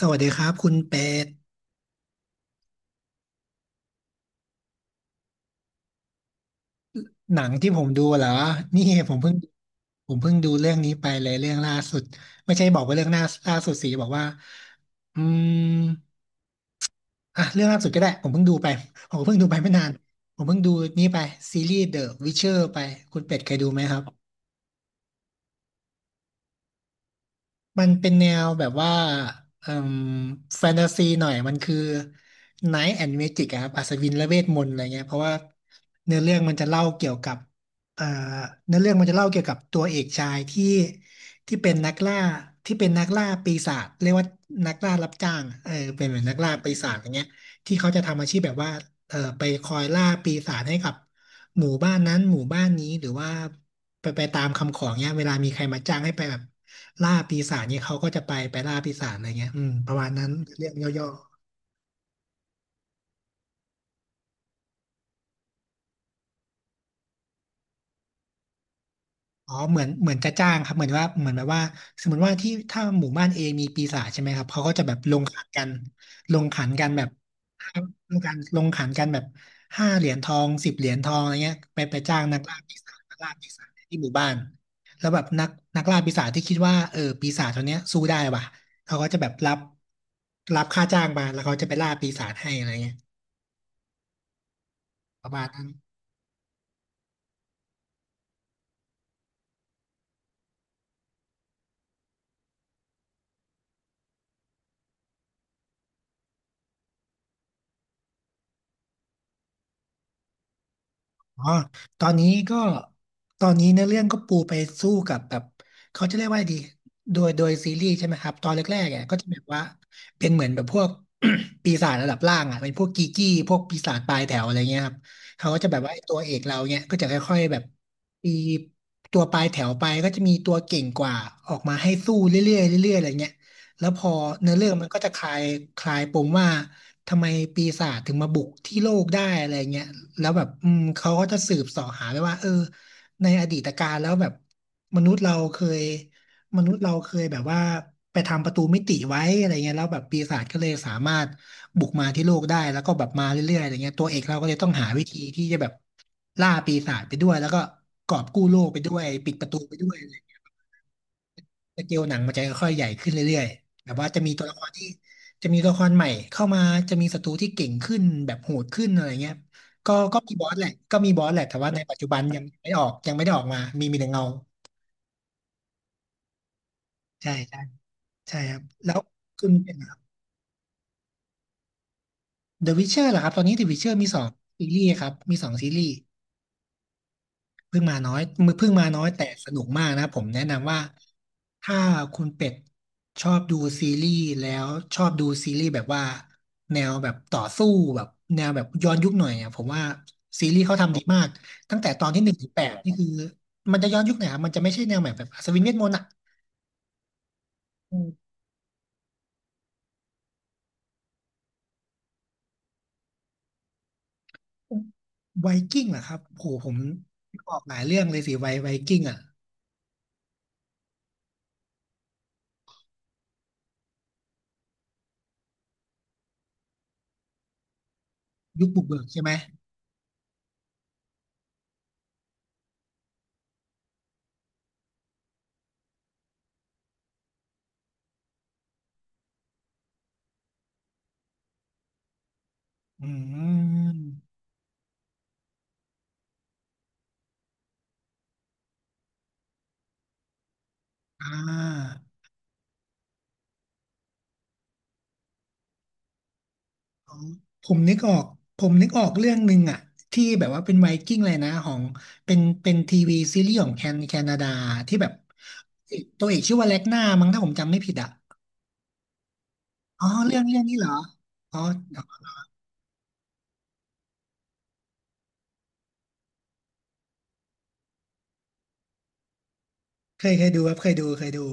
สวัสดีครับคุณเป็ดหนังที่ผมดูเหรอนี่ผมเพิ่งผมเพิ่งดูเรื่องนี้ไปเลยเรื่องล่าสุดไม่ใช่บอกว่าเรื่องหน้าล่าสุดสิบอกว่าอืมอ่ะเรื่องล่าสุดก็ได้ผมเพิ่งดูไปผมก็เพิ่งดูไปไม่นานผมเพิ่งดูนี่ไปซีรีส์ The Witcher ไปคุณเป็ดเคยดูไหมครับ มันเป็นแนวแบบว่าเอ่มแฟนตาซีหน่อยมันคือ Night and Magic อะครับอัศวินและเวทมนต์อะไรเงี้ยเพราะว่าเนื้อเรื่องมันจะเล่าเกี่ยวกับเอ่อเนื้อเรื่องมันจะเล่าเกี่ยวกับตัวเอกชายที่เป็นนักล่าที่เป็นนักล่าปีศาจเรียกว่านักล่ารับจ้างอะเออเป็นเหมือนนักล่าปีศาจอย่างเงี้ยที่เขาจะทำอาชีพแบบว่าไปคอยล่าปีศาจให้กับหมู่บ้านนั้นหมู่บ้านนี้หรือว่าไปตามคำขอเงี้ยเวลามีใครมาจ้างให้ไปแบบ ล่าปีศาจเนี่ยเขาก็จะไปล่าปีศาจอะไรเงี้ยอืมประมาณนั้นเรื่องย่อๆอ๋อเหมือนจะจ้างครับเหมือนว่าเหมือนแบบว่าสมมติว่าที่ถ้าหมู่บ้านเอมีปีศาจใช่ไหมครับเขาก็จะแบบลงขันกันลงขันกันแบบลงกันลงขันกันแบบ5 เหรียญทอง10 เหรียญทองอะไรเงี้ยไปจ้างนักล่าปีศาจที่หมู่บ้านแล้วแบบนักล่าปีศาจที่คิดว่าเออปีศาจตัวเนี้ยสู้ได้ว่ะเขาก็จะแบบรับค่าจ้างมาแล้วเขาจะไปล่าปีศาจให้อะไรเงี้ยประมาณนั้น อ๋อตอนนี้ก็ตอนนี้เนื้อเรื่องก็ปูไปสู้กับแบบเขาจะเรียกว่าดีโดยซีรีส์ใช่ไหมครับตอนแรกๆอ่ยก็จะแบบว่าเป็นเหมือนแบบพวก ปีศาจระดับล่างอ่ะเป็นพวกกีกี้พวกปีศาจปลายแถวอะไรเงี้ยครับเขาก็จะแบบว่าไอ้ตัวเอกเราเนี่ยก็จะค่อยๆแบบปีตัวปลายแถวไปก็จะมีตัวเก่งกว่าออกมาให้สู้เรื่อยๆเรื่อยๆอะไรเงี้ย แล้วพอเนื้อเรื่องมันก็จะคลายปมว่าทำไมปีศาจถึงมาบุกที่โลกได้อะไรเงี้ยแล้วแบบอืมเขาก็จะสืบเสาะหาไปว่าเออในอดีตการแล้วแบบมนุษย์เราเคยมนุษย์เราเคยแบบว่าไปทำประตูมิติไว้อะไรเงี้ยแล้วแบบปีศาจก็เลยสามารถบุกมาที่โลกได้แล้วก็แบบมาเรื่อยๆอะไรเงี้ยตัวเอกเราก็เลยต้องหาวิธีที่จะแบบล่าปีศาจไปด้วยแล้วก็กอบกู้โลกไปด้วยปิดประตูไปด้วย สเกลหนังมันจะค่อยๆใหญ่ขึ้นเรื่อยๆ แบบว่าจะมีตัวละครใหม่เข้ามาจะมีศัตรูที่เก่งขึ้นแบบโหดขึ้นอะไรเงี้ยก็มีบอสแหละแต่ว่าในปัจจุบันยังไม่ออกยังไม่ได้ออกมามีแต่เงาใช่ใช่ใช่ครับแล้วคุณเป็นไงครับ The Witcher เหรอครับตอนนี้ The Witcher มีสองซีรีส์ครับมีสองซีรีส์ เพิ่งมาน้อยเพิ่งมาน้อยแต่สนุกมากนะผมแนะนำว่าถ้าคุณเป็ดชอบดูซีรีส์แล้วชอบดูซีรีส์แบบว่าแนวแบบต่อสู้แบบแนวแบบย้อนยุคหน่อยอ่ะผมว่าซีรีส์เขาทำดีมากตั้งแต่ตอนที่หนึ่งถึง8นี่คือมันจะย้อนยุคไหนอยครับมันจะไม่ใช่แนวแบบอัศวินเวทมนต์อ่ะอืมไวกิ้งเหรอครับโหผมออกหลายเรื่องเลยสิไวกิ้งอ่ะยุคบุกเบิกใช่ไหมอืมอ่า ผมนึกออกผมนึกออกเรื่องหนึ่งอะที่แบบว่าเป็นไวกิ้งเลยนะของเป็นทีวีซีรีส์ของแคนาดาที่แบบตัวเอกชื่อว่าแล็กนามั้งถ้าผมจำไม่ผิดอะอ๋อเรื่องนี้เหรออ๋อเคยดูครับเคยดูเคยดู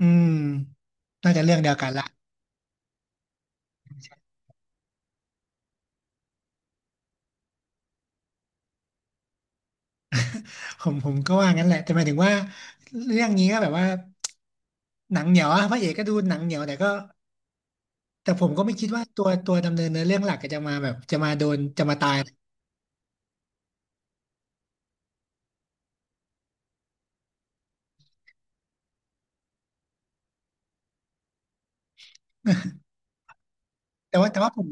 อืมน่าจะเรื่องเดียวกันละผมก็ว่างั้นแหละแต่หมายถึงว่าเรื่องนี้ก็แบบว่าหนังเหนียวอะพระเอกก็ดูหนังเหนียวแต่ก็แต่ผมก็ไม่คิดว่าตัวดำเนินเนื้อเรื่องหลักก็จะมาแบบจะมาโดนจะมาตาย แต่ว่าผม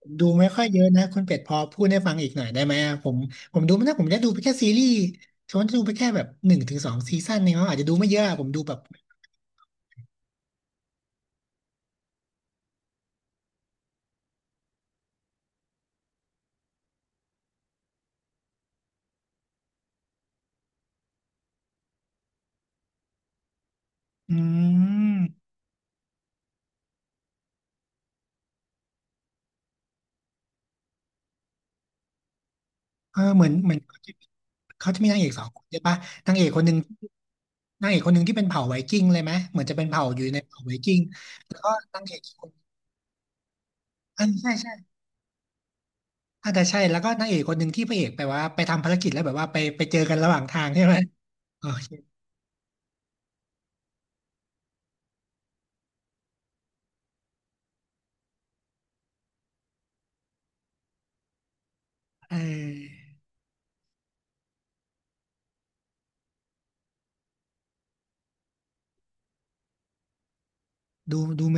ผมดูไม่ค่อยเยอะนะคุณเป็ดพอพูดให้ฟังอีกหน่อยได้ไหมอะผมดูไม่ได้ผมได้ดูไปแค่ซีรีส์ฉันจะดูไปแค่แบบหนึ่งถึงสองซีซั่นเองเขาอาจจะดูไม่เยอะอะผมดูแบบอืมเออเหมือนเขาจะมีนางเอกสองคนใช่ปะนางเอกคนหนึ่งนางเอกคนหนึ่งที่เป็นเผ่าไวกิ้งเลยไหมเหมือนจะเป็นเผ่าอยู่ในเผ่าไวกิ้งแล้วก็นางเอกอีกคนอันใช่ใช่อาจจะใช่แล้วก็นางเอกคนหนึ่งที่พระเอกไปไปทำภารกิจแล้วแบบว่าไปเจอกันระหว่างทางใช่ไหมโอเคเออดูดูไหม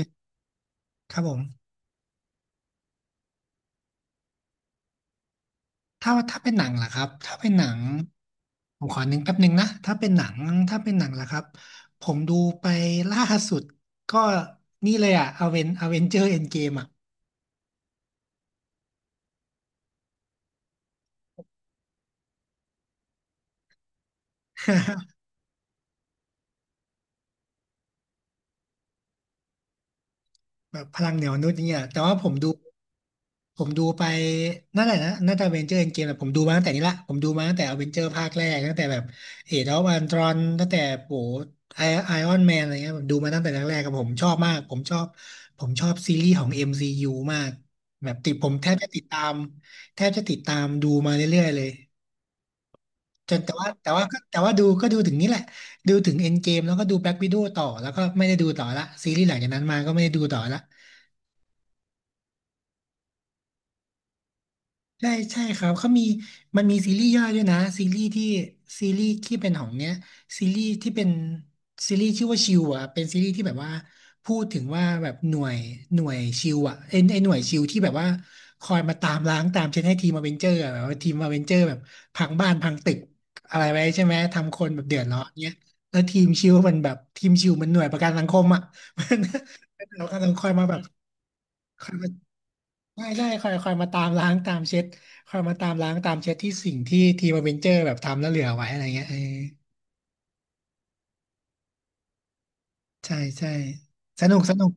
ครับผม ถ้าเป็นหนังล่ะครับถ้าเป็นหนังผมขอนึงแป๊บนึงนะถ้าเป็นหนังถ้าเป็นหนังล่ะครับผมดูไปล่าสุดก็นี่เลยอะอเวนเจอร์เอ็นเกมอะ แบบพลังเหนียวนุษย์เนี่ยแต่ว่าผมดูไปนั่นแหละนะน่าจะเวนเจอร์เอ็นเกมแต่ผมดูมาตั้งแต่นี้ละผมดูมาตั้งแต่อเวนเจอร์ภาคแรกตั้งแต่แบบเอเดนอันตรอนตั้งแต่โหไอไอออนแมนอะไรเงี้ยผมดูมาตั้งแต่แรกๆกับผมชอบมากผมชอบซีรีส์ของ MCU มซียูมากแบบติดแทบจะติดตามแทบจะติดตามดูมาเรื่อยๆเลยจนแต่ว่าดูก็ดูถึงนี้แหละดูถึงเอ็นเกมแล้วก็ดูแบล็ c วิด d โ w ต่อแล้วก็ไม่ได้ดูต่อละซีรีส์หลังจากนั้นมาก็ไม่ได้ดูต่อละ ใช่ใช่ครับเขามีมันมีซีรีส์ย่อยด้วยนะซีรีส์ที่เป็นของเนี้ยซีรีส์ที่เป็นซีรีส์ชื่อว่าชิวอ่ะเป็นซีรีส์ที่แบบว่าพูดถึงว่าแบบหน่วยชิวอ่ะไอไอหน่วยชิวที่แบบว่าคอยมาตามล้างตามเช็ดให้ทีมอเวนเจอร์แบบว่าทีมอเวนเจอร์แบบพังบ้านพังตึกอะไรไว้ใช่ไหมทำคนแบบเดือดร้อนเนี้ยแล้วทีมชิวมันหน่วยประกันสังคมอ่ะ มันมันเรากำลังคอยมาแบบ ได่ใช่คอยมาตามล้างตามเช็ดคอยมาตามล้างตามเช็ดที่สิ่งที่ทีมอเวนเจอร์แบบทำแล้วเหลือไว้อะไรเงี้ยเออใช่ใช่สนุก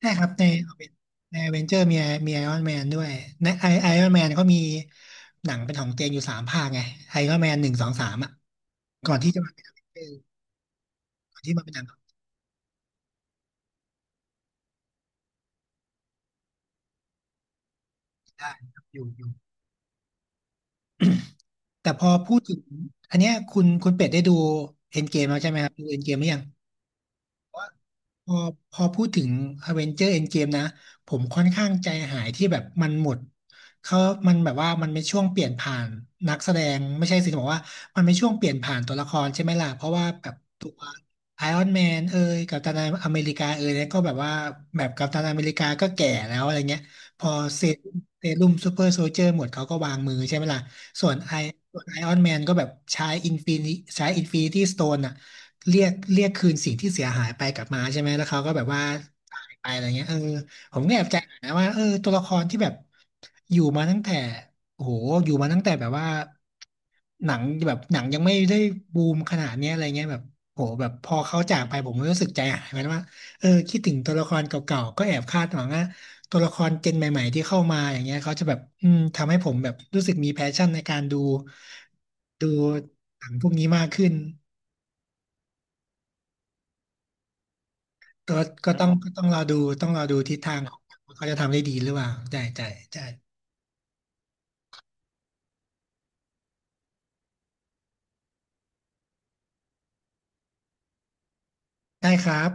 ใช่ครับในอเวนเจอร์มีไอรอนแมนด้วยในไอรอนแมนเขามีหนังเป็นของตัวเนอยู่สามภาคไงไอรอนแมนหนึ่งสองสามอ่ะก่อนที่จะมาเป็น Avenger ก่อนที่มาเป็นหนังของตัวเองได้ครับอยู่แต่พอพูดถึงอันเนี้ยคุณเป็ดได้ดูเอ็นเกมแล้วใช่ไหมครับดูเอ็นเกมหรือยัง พอพอพูดถึง Avenger Endgame นะผมค่อนข้างใจหายที่แบบมันหมดเขามันแบบว่ามันเป็นช่วงเปลี่ยนผ่านนักแสดงไม่ใช่สิจะบอกว่ามันเป็นช่วงเปลี่ยนผ่านตัวละครใช่ไหมล่ะเพราะว่าแบบตัวไอรอนแมนเอ่ยกัปตันอเมริกาเอ่ยเนี่ยก็แบบว่าแบบกัปตันอเมริกาก็แก่แล้วอะไรเงี้ยพอเซรุ่มซูเปอร์โซลเจอร์หมดเขาก็วางมือใช่ไหมล่ะส่วนไอส่วนไอรอนแมนก็แบบใช้อินฟินิใช้อินฟินิตี้สโตนอ่ะ เรียกคืนสิ่งที่เสียหายไปกลับมาใช่ไหมแล้วเขาก็แบบว่าหายไปอะไรเงี้ยเออผมก็แอบใจหายนะว่าเออตัวละครที่แบบอยู่มาตั้งแต่โอ้โหอยู่มาตั้งแต่แบบว่าหนังแบบหนังยังไม่ได้บูมขนาดเนี้ยอะไรเงี้ยแบบโหแบบพอเขาจากไปผมก็รู้สึกใจหายเหมือนกันว่าเออคิดถึงตัวละครเก่าๆก็แอบคาดหวังว่าตัวละครเจนใหม่ๆที่เข้ามาอย่างเงี้ยเขาจะแบบอืมทำให้ผมแบบรู้สึกมีแพชชั่นในการดูดูหนังพวกนี้มากขึ้น ก็ก็ต้องรอดูต้องรอดูทิศทางของเขาจะทำได้ดีหรือเปล่าใช่ใช่ใช่ได้ครับ